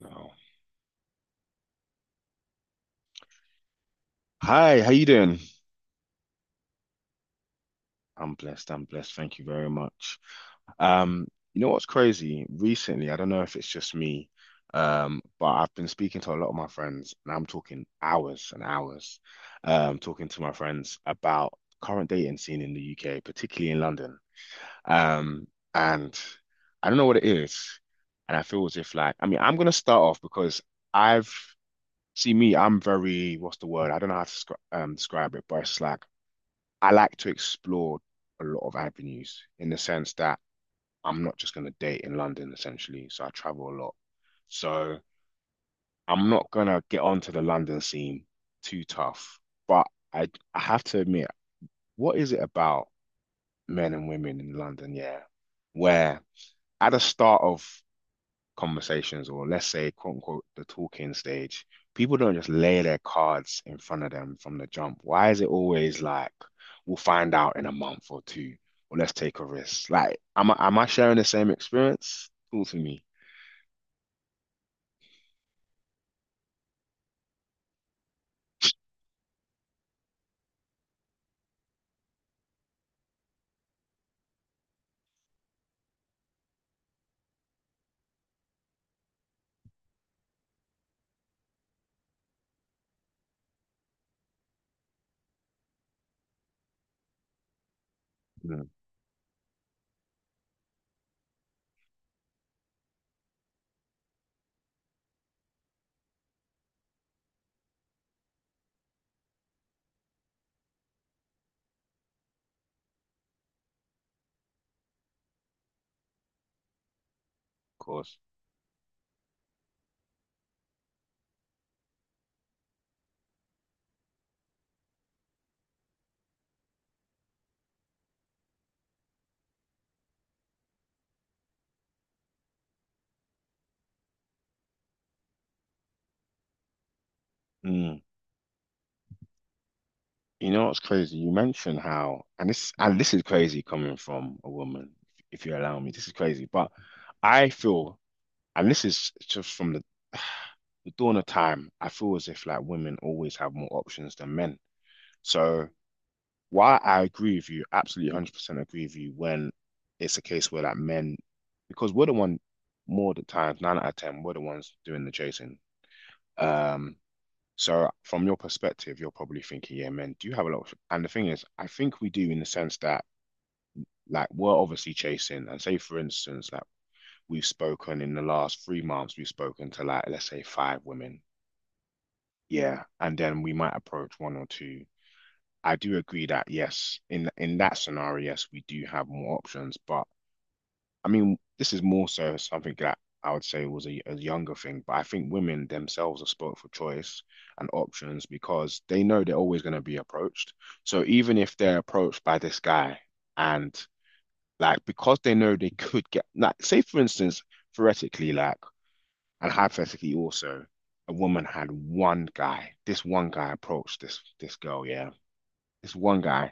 No. Hi, how you doing? I'm blessed. I'm blessed. Thank you very much. Um, you know what's crazy? Recently, I don't know if it's just me, but I've been speaking to a lot of my friends, and I'm talking hours and hours, talking to my friends about current dating scene in the UK, particularly in London. Um, and I don't know what it is, and I feel as if like, I mean, I'm gonna start off because I've see me, I'm very, what's the word? I don't know how to describe it, but it's like I like to explore a lot of avenues in the sense that I'm not just going to date in London essentially. So I travel a lot. So I'm not going to get onto the London scene too tough. But I, I have to admit, what is it about men and women in London? Yeah. Where at the start of conversations or let's say quote unquote the talking stage, people don't just lay their cards in front of them from the jump. Why is it always like we'll find out in a month or two, or let's take a risk? Like, am I sharing the same experience? Cool to me. Mm, of course. Mm. You know what's crazy? You mentioned how, and this is crazy coming from a woman, if you allow me. This is crazy, but I feel, and this is just from the dawn of time, I feel as if like women always have more options than men. So while I agree with you, absolutely 100% agree with you when it's a case where like men, because we're the one more the times, nine out of 10, we're the ones doing the chasing. Um, so from your perspective, you're probably thinking, yeah, men do have a lot of, and the thing is, I think we do in the sense that like we're obviously chasing, and say for instance, like we've spoken in the last 3 months, we've spoken to like let's say five women, yeah, and then we might approach one or two. I do agree that yes, in that scenario, yes, we do have more options. But I mean, this is more so something that I would say was a younger thing. But I think women themselves are spoilt for choice and options because they know they're always going to be approached. So even if they're approached by this guy and like because they know they could get like say for instance, theoretically, like and hypothetically, also, a woman had one guy. This one guy approached this girl. Yeah, this one guy.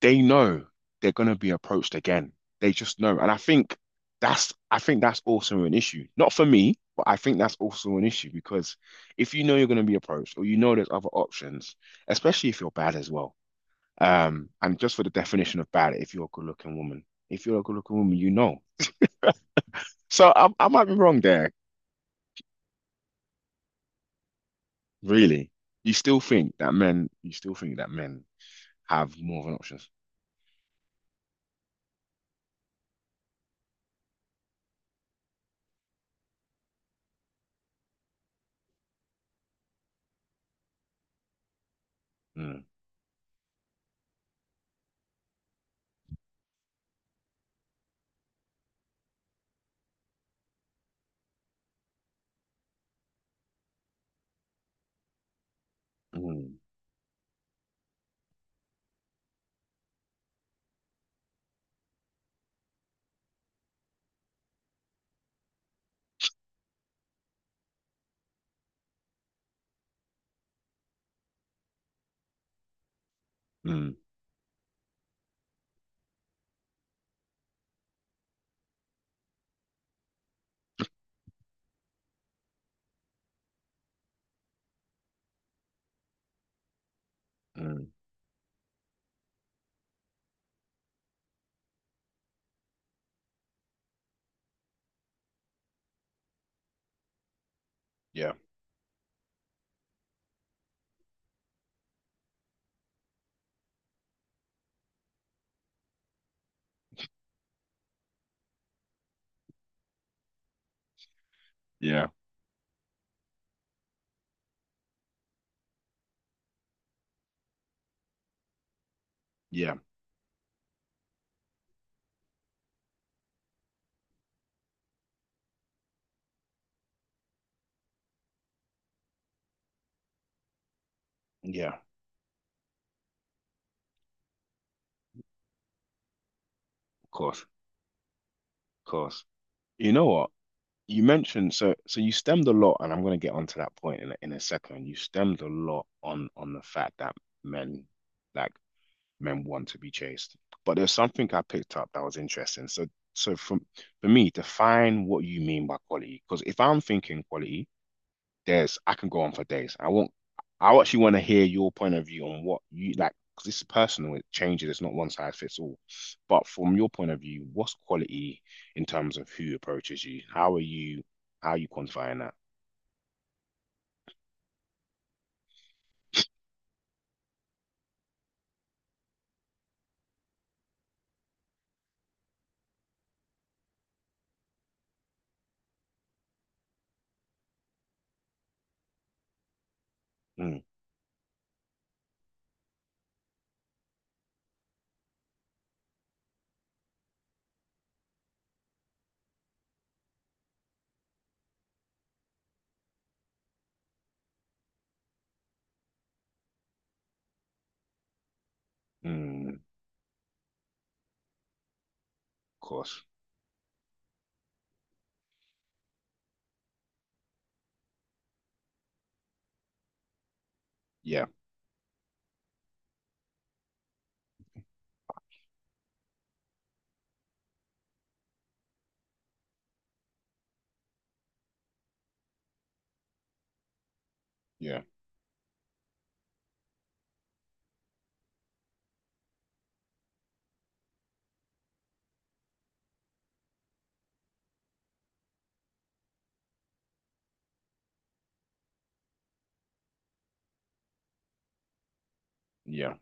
They know they're gonna be approached again. They just know. And I think that's also an issue. Not for me, but I think that's also an issue because if you know you're gonna be approached or you know there's other options, especially if you're bad as well. And just for the definition of bad, if you're a good-looking woman, if you're a good-looking woman. So I might be wrong there. Really? You still think that men have more of an options? Mm, mm, mm, mm. Yeah, yeah, yeah, yeah. Of course, of course. You know what? You mentioned so you stemmed a lot, and I'm going to get onto that point in a second. You stemmed a lot on the fact that men like want to be chased, but there's something I picked up that was interesting. So so from for me, define what you mean by quality, because if I'm thinking quality. There's I can go on for days. I won't. I actually want to hear your point of view on what you like because this is personal. It changes. It's not one size fits all. But from your point of view, what's quality in terms of who approaches you? How are you quantifying that? Mm, mm, of course. Yeah. Yeah. Yeah,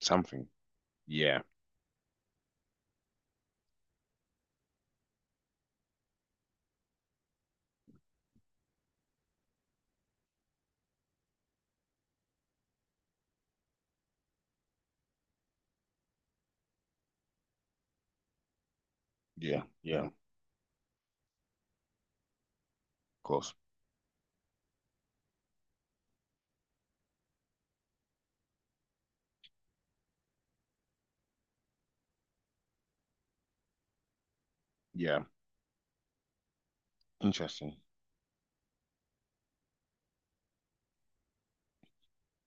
something. Yeah, yeah, yeah, of course. Yeah, interesting.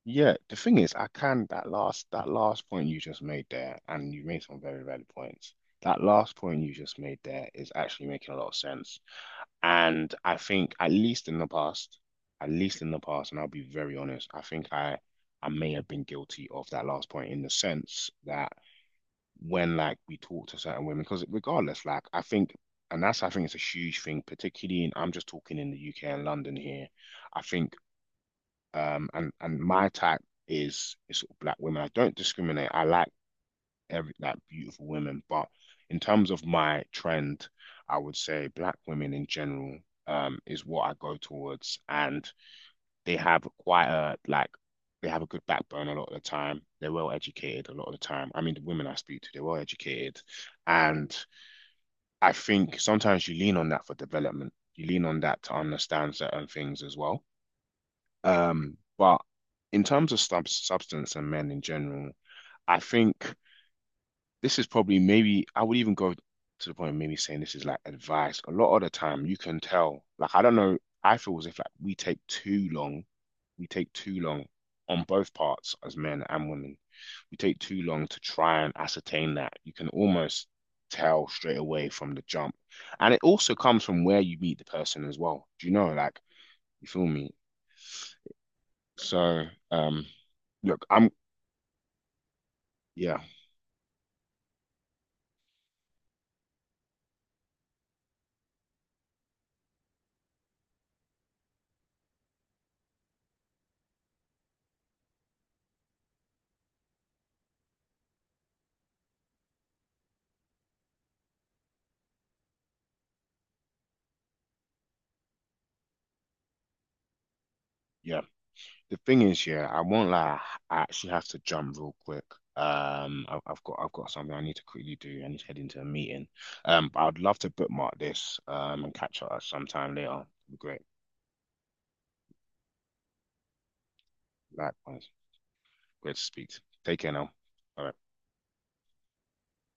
Yeah, the thing is, I can that last point you just made there, and you made some very valid points. That last point you just made there is actually making a lot of sense. And I think at least in the past, and I'll be very honest, I think I may have been guilty of that last point in the sense that when like we talk to certain women because regardless like I think it's a huge thing particularly in I'm just talking in the UK and London here I think and my type is sort of black women I don't discriminate I like every like beautiful women but in terms of my trend I would say black women in general is what I go towards, and they have a good backbone a lot of the time. They're well educated a lot of the time. I mean, the women I speak to, they're well educated, and I think sometimes you lean on that for development. You lean on that to understand certain things as well. But in terms of substance and men in general, I think this is probably maybe I would even go to the point of maybe saying this is like advice. A lot of the time you can tell, like I don't know, I feel as if like we take too long on both parts as men and women. We take too long to try and ascertain that. You can almost tell straight away from the jump. And it also comes from where you meet the person as well. Do you know, like you feel me? So um look, I'm yeah, yeah. The thing is, yeah, I won't lie. I actually have to jump real quick. I've got something I need to quickly do. I need to head into a meeting. But I'd love to bookmark this. And catch up sometime later. Great. Likewise. Great to speak. Take care now. All right.